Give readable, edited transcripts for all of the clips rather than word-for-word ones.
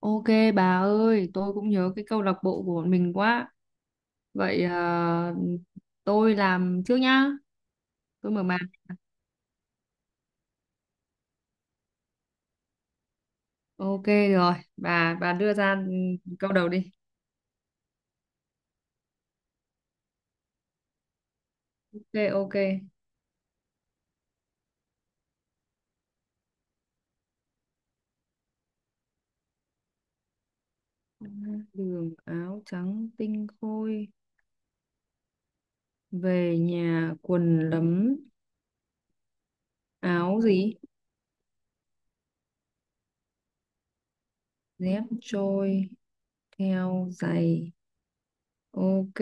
Ok, bà ơi, tôi cũng nhớ cái câu lạc bộ của bọn mình quá. Vậy à, tôi làm trước nhá. Tôi mở màn. Ok rồi, bà đưa ra câu đầu đi. Ok, ok. Đường áo trắng tinh khôi, về nhà quần lấm, áo gì? Dép trôi theo giày. Ok,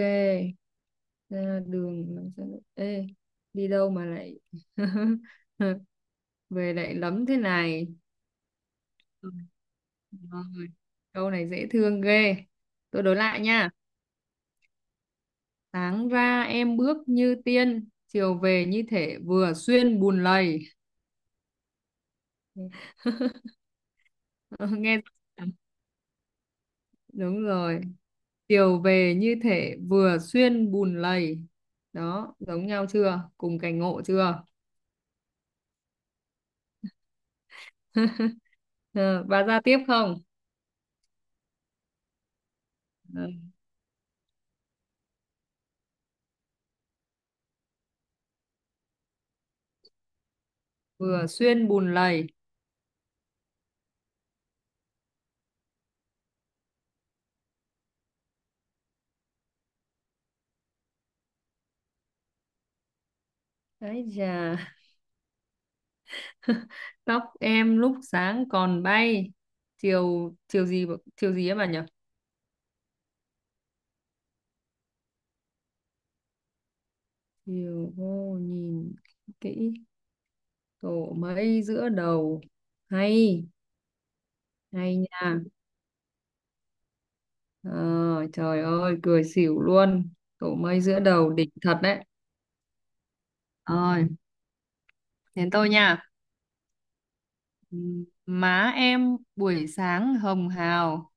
ra đường làm sao- Ê, đi đâu mà lại về lại lấm thế này? Ừ. Rồi. Câu này dễ thương ghê. Tôi đối lại nha. Sáng ra em bước như tiên, chiều về như thể vừa xuyên bùn lầy. Ờ, Nghe đúng rồi. Chiều về như thể vừa xuyên bùn lầy. Đó, giống nhau chưa? Cùng cảnh ngộ chưa? Ờ, Bà ra tiếp không? Ờ, Vừa xuyên bùn lầy. Đấy chà, tóc em lúc sáng còn bay. Chiều chiều gì ấy bà nhỉ? Diều hô nhìn kỹ tổ mây giữa đầu. Hay Hay nha. Ờ, Trời ơi cười xỉu luôn, tổ mây giữa đầu đỉnh thật đấy. Rồi, đến tôi nha. Má em buổi sáng hồng hào,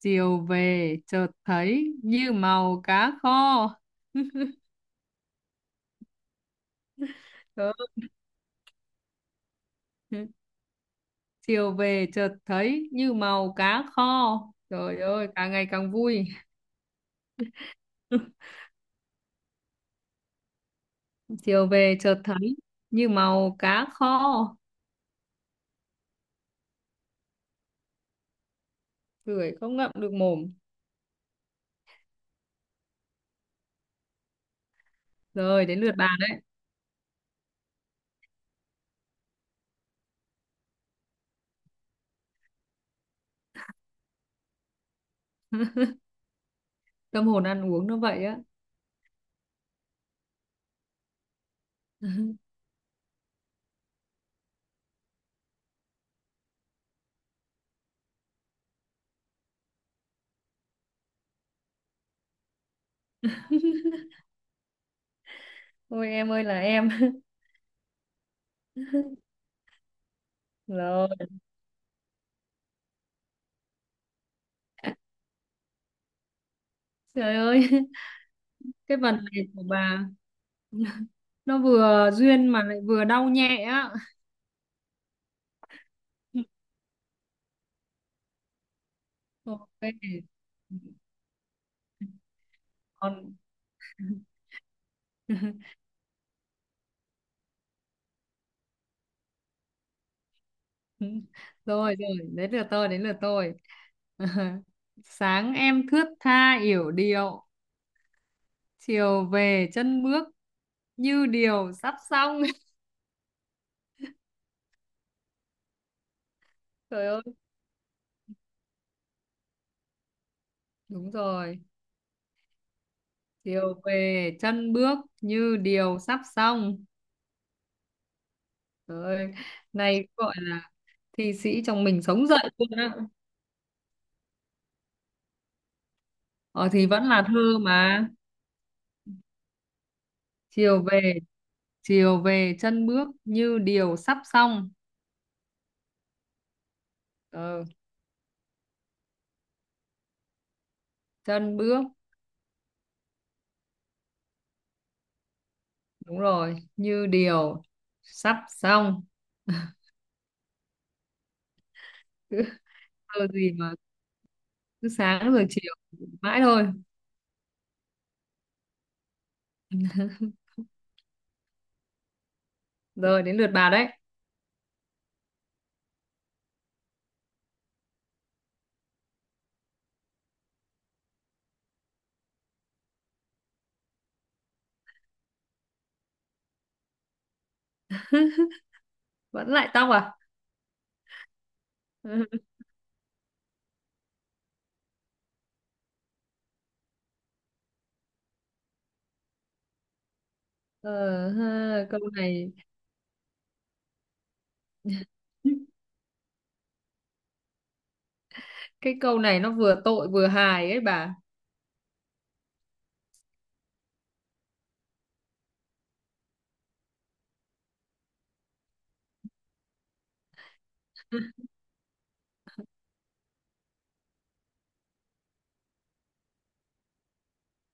chiều về chợt thấy như màu cá kho. Ờ, chiều về chợt thấy như màu cá kho. Trời ơi càng ngày càng vui. Chiều về chợt thấy như màu cá kho, cười không ngậm được mồm. Rồi đến lượt bà đấy, tâm hồn ăn uống nó vậy á. Ôi em ơi là em. Rồi, trời ơi, cái vần này của bà nó vừa duyên mà lại vừa đau nhẹ á. Ok. Còn rồi, đến lượt tôi. Sáng em thướt tha yểu điệu, chiều về chân bước như điều sắp xong. Trời ơi, đúng rồi. Chiều về chân bước như điều sắp xong. Trời ơi, này gọi là thi sĩ trong mình sống dậy luôn á. Ờ thì vẫn là thơ mà. chiều về Chiều về chân bước như điều sắp xong. ờ Chân bước đúng rồi, như điều sắp xong. Cứ thơ gì mà cứ sáng rồi chiều mãi thôi. Rồi đến lượt bà đấy. Vẫn lại tóc à. ờ Ha, câu này, cái câu này nó vừa tội vừa hài ấy bà.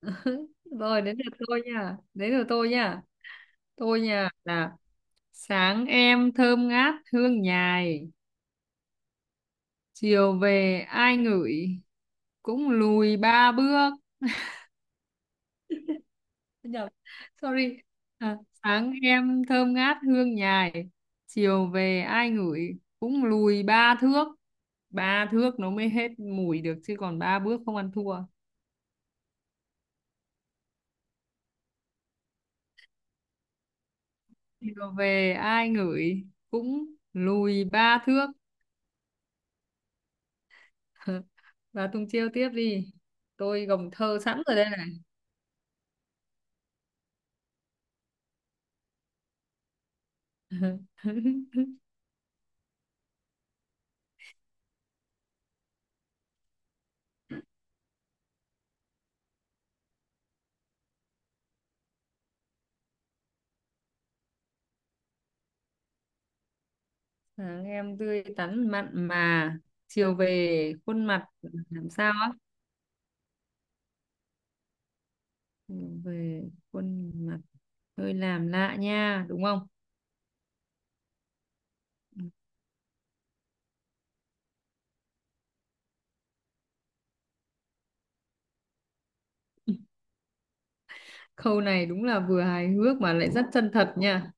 rồi đến lượt tôi nha Đến lượt tôi nha. Tôi nha là sáng em thơm ngát hương nhài, chiều về ai ngửi cũng lùi ba bước. Nhầm, sorry. À, sáng em thơm ngát hương nhài, chiều về ai ngửi cũng lùi ba thước. Ba thước nó mới hết mùi được chứ còn ba bước không ăn thua. Chiều về ai ngửi cũng lùi ba thước. Và Tùng chiêu tiếp đi, tôi gồng thơ sẵn rồi đây này. Sáng em tươi tắn mặn mà, chiều về khuôn mặt làm sao á. Chiều về khuôn mặt hơi làm lạ nha, đúng không? Câu này đúng là vừa hài hước mà lại rất chân thật nha.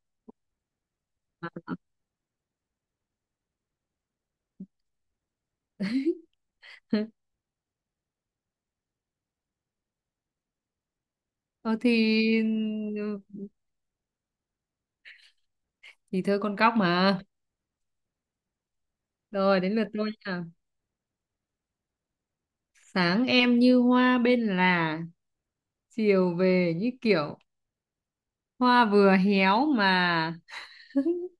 ờ thì thì thơ con cóc mà. Rồi đến lượt tôi nha. Sáng em như hoa bên là, chiều về như kiểu hoa vừa héo mà.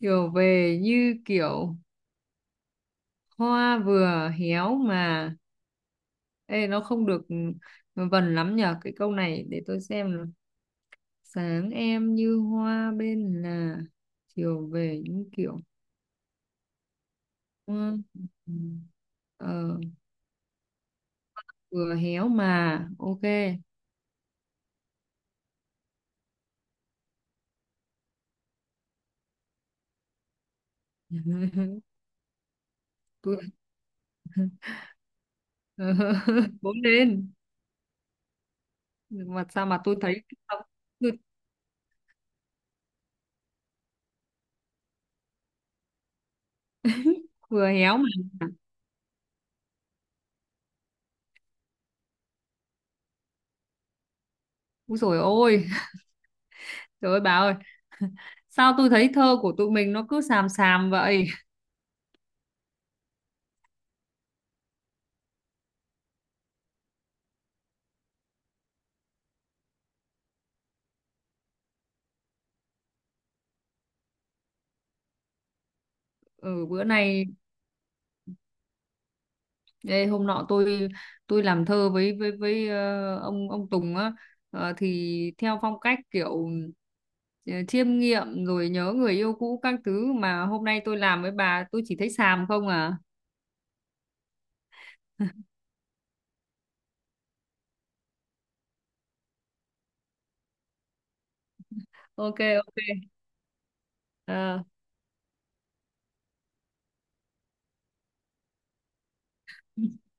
Chiều về như kiểu hoa vừa héo mà. Ê, nó không được vần lắm nhở, cái câu này để tôi xem nào. Sáng em như hoa bên là, chiều về như kiểu hoa, ờ, vừa héo mà, ok. Tôi, ờ, bốn lên. Mà sao mà tôi thấy, tôi vừa héo mà. Úi dồi ôi, trời ơi bà ơi, sao tôi thấy thơ của tụi mình nó cứ xàm xàm vậy? Ừ, bữa nay, ê, hôm nọ tôi làm thơ với ông Tùng á. Thì theo phong cách kiểu, chiêm nghiệm rồi nhớ người yêu cũ các thứ, mà hôm nay tôi làm với bà tôi chỉ thấy xàm không à. Ok, ok. Ờ,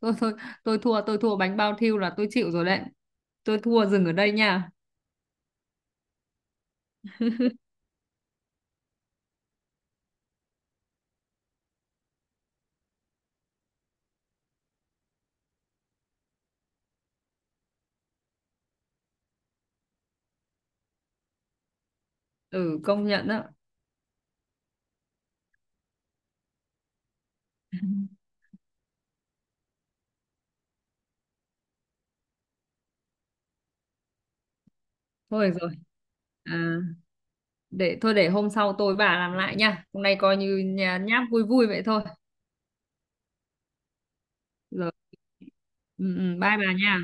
thôi thôi, tôi thua bánh bao thiêu là tôi chịu rồi đấy. Tôi thua, dừng ở đây nha. Ừ công nhận đó. Thôi được rồi. À, để thôi, để hôm sau tôi bà làm lại nha, hôm nay coi như nhà nháp vui vui vậy thôi. Rồi, ừ, bye bà nha.